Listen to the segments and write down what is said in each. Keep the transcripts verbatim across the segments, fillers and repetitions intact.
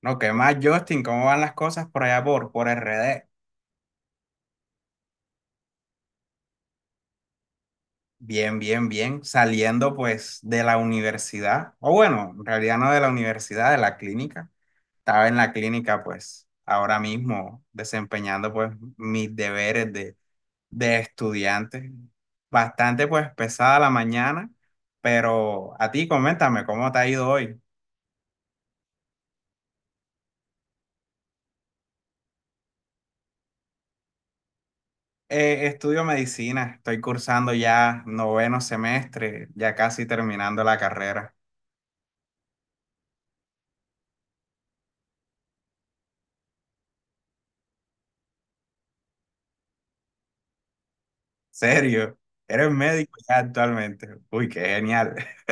No, ¿qué más, Justin? ¿Cómo van las cosas por allá por, por R D? Bien, bien, bien. Saliendo pues de la universidad, o bueno, en realidad no de la universidad, de la clínica. Estaba en la clínica pues ahora mismo desempeñando pues mis deberes de, de estudiante. Bastante pues pesada la mañana, pero a ti coméntame cómo te ha ido hoy. Eh, estudio medicina, estoy cursando ya noveno semestre, ya casi terminando la carrera. ¿Serio? Eres médico ya actualmente. Uy, qué genial.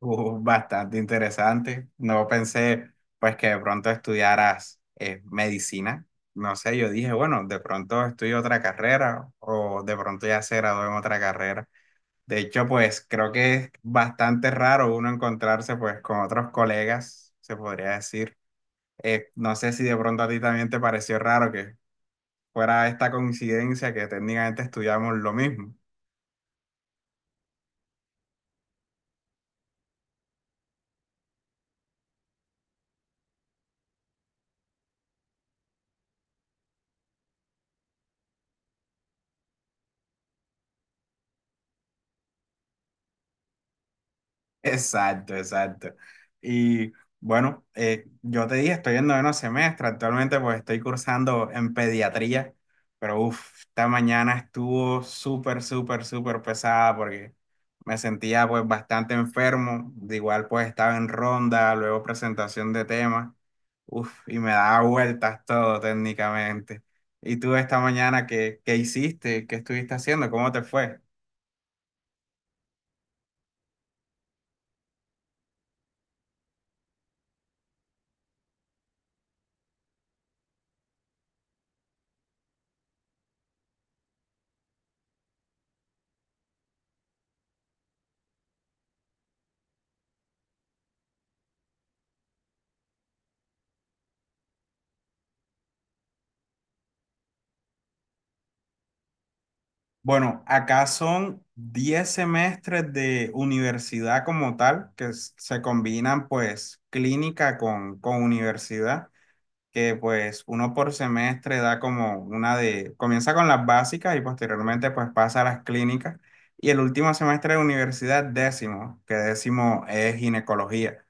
Uh, bastante interesante. No pensé pues que de pronto estudiaras eh, medicina. No sé, yo dije, bueno, de pronto estudio otra carrera o de pronto ya se graduó en otra carrera. De hecho, pues creo que es bastante raro uno encontrarse pues con otros colegas, se podría decir. Eh, no sé si de pronto a ti también te pareció raro que fuera esta coincidencia que técnicamente estudiamos lo mismo. Exacto, exacto. Y bueno, eh, yo te dije, estoy en noveno semestre, actualmente pues estoy cursando en pediatría, pero uff, esta mañana estuvo súper, súper, súper pesada porque me sentía pues bastante enfermo, de igual pues estaba en ronda, luego presentación de temas, uff, y me daba vueltas todo técnicamente. ¿Y tú esta mañana qué, qué hiciste? ¿Qué estuviste haciendo? ¿Cómo te fue? Bueno, acá son diez semestres de universidad como tal, que s- se combinan pues clínica con, con universidad, que pues uno por semestre da como una de, comienza con las básicas y posteriormente pues pasa a las clínicas. Y el último semestre de universidad, décimo, que décimo es ginecología.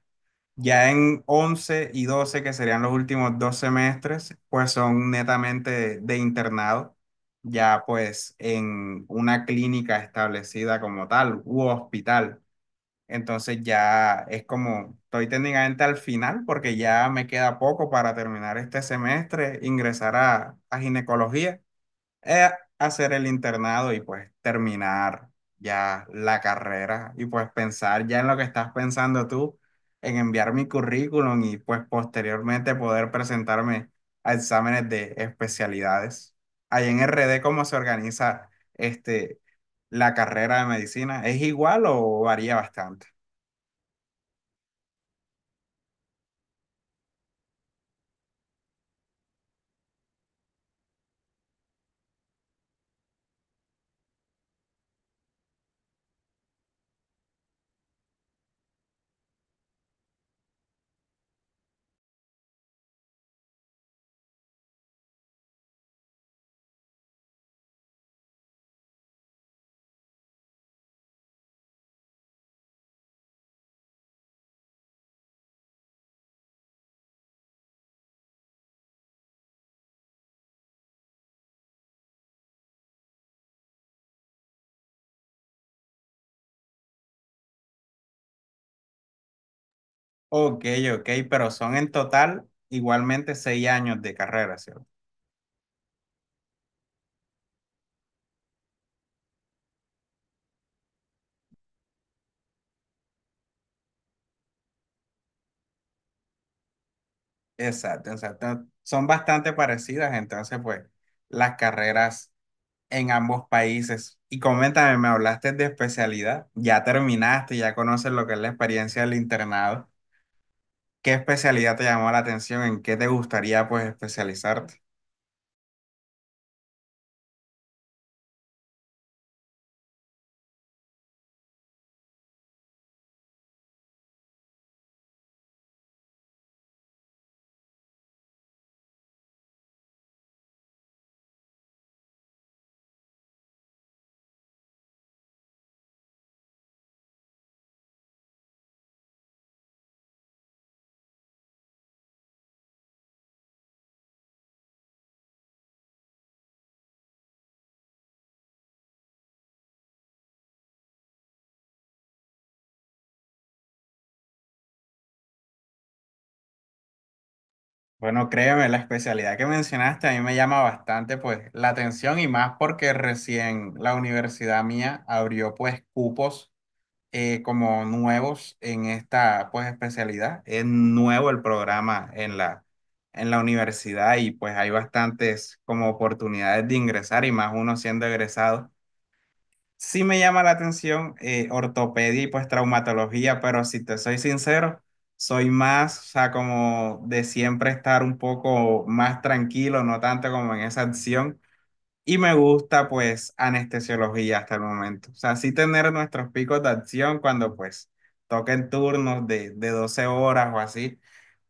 Ya en once y doce que serían los últimos dos semestres, pues son netamente de, de internado, ya pues en una clínica establecida como tal u hospital. Entonces ya es como, estoy técnicamente al final porque ya me queda poco para terminar este semestre, ingresar a, a ginecología eh, hacer el internado y pues terminar ya la carrera y pues pensar ya en lo que estás pensando tú, en enviar mi currículum y pues posteriormente poder presentarme a exámenes de especialidades. Ahí en R D, ¿cómo se organiza este, la carrera de medicina? ¿Es igual o varía bastante? Ok, ok, pero son en total igualmente seis años de carrera, ¿cierto? Exacto, exacto. Son bastante parecidas, entonces, pues, las carreras en ambos países. Y coméntame, me hablaste de especialidad. Ya terminaste, ya conoces lo que es la experiencia del internado. ¿Qué especialidad te llamó la atención? ¿En qué te gustaría, pues, especializarte? Bueno, créeme, la especialidad que mencionaste a mí me llama bastante, pues, la atención y más porque recién la universidad mía abrió, pues, cupos eh, como nuevos en esta pues especialidad. Es nuevo el programa en la, en la universidad y pues hay bastantes como oportunidades de ingresar y más uno siendo egresado. Sí me llama la atención eh, ortopedia y pues traumatología, pero si te soy sincero, soy más, o sea, como de siempre estar un poco más tranquilo, no tanto como en esa acción. Y me gusta pues anestesiología hasta el momento. O sea, sí tener nuestros picos de acción cuando pues toquen turnos de, de doce horas o así,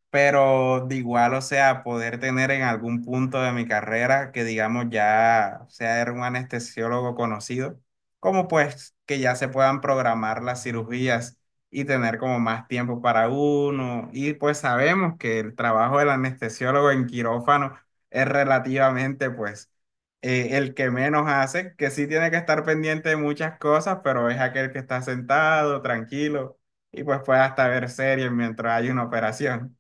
pero de igual, o sea, poder tener en algún punto de mi carrera que digamos ya sea era un anestesiólogo conocido, como pues que ya se puedan programar las cirugías y tener como más tiempo para uno. Y pues sabemos que el trabajo del anestesiólogo en quirófano es relativamente pues eh, el que menos hace, que sí tiene que estar pendiente de muchas cosas, pero es aquel que está sentado, tranquilo. Y pues puede hasta ver series mientras hay una operación.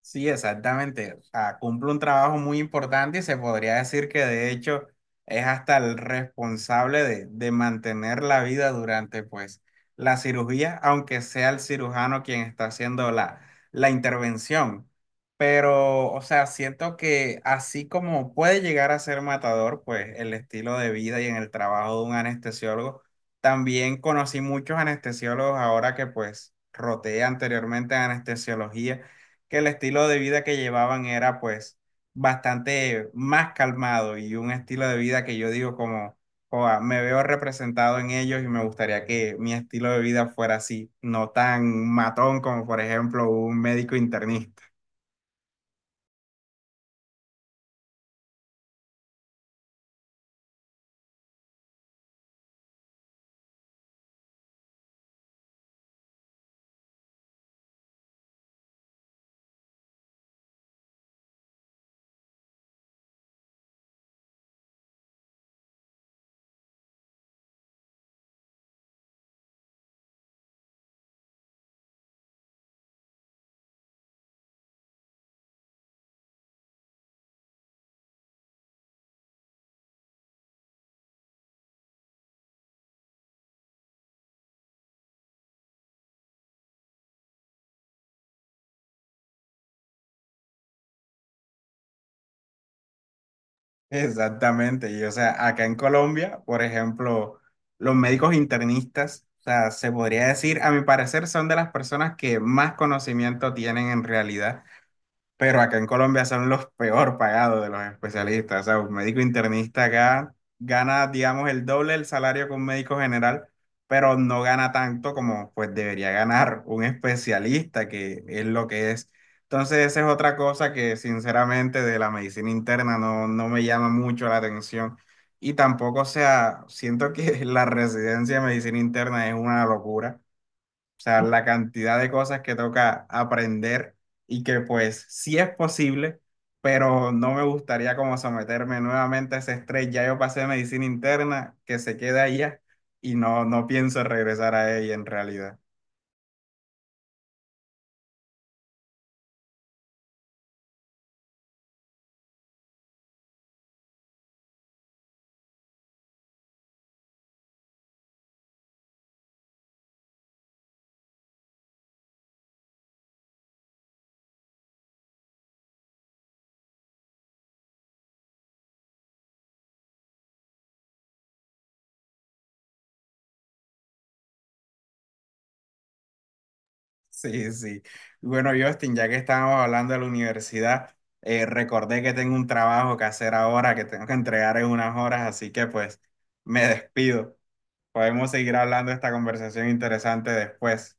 Sí, exactamente. O cumple un trabajo muy importante y se podría decir que de hecho es hasta el responsable de, de mantener la vida durante pues la cirugía, aunque sea el cirujano quien está haciendo la, la intervención. Pero, o sea, siento que así como puede llegar a ser matador, pues el estilo de vida y en el trabajo de un anestesiólogo, también conocí muchos anestesiólogos ahora que pues roté anteriormente en anestesiología que el estilo de vida que llevaban era pues bastante más calmado y un estilo de vida que yo digo como, "Joa, me veo representado en ellos y me gustaría que mi estilo de vida fuera así, no tan matón como por ejemplo un médico internista". Exactamente, y o sea, acá en Colombia, por ejemplo, los médicos internistas, o sea, se podría decir, a mi parecer, son de las personas que más conocimiento tienen en realidad, pero acá en Colombia son los peor pagados de los especialistas. O sea, un médico internista acá gana, digamos, el doble del salario que un médico general, pero no gana tanto como pues debería ganar un especialista, que es lo que es. Entonces, esa es otra cosa que sinceramente de la medicina interna no, no me llama mucho la atención. Y tampoco, o sea, siento que la residencia de medicina interna es una locura, o sea, la cantidad de cosas que toca aprender y que pues sí es posible, pero no me gustaría como someterme nuevamente a ese estrés. Ya yo pasé medicina interna, que se queda allá y no, no pienso regresar a ella en realidad. Sí, sí. Bueno, Justin, ya que estábamos hablando de la universidad, eh, recordé que tengo un trabajo que hacer ahora, que tengo que entregar en unas horas, así que pues me despido. Podemos seguir hablando de esta conversación interesante después.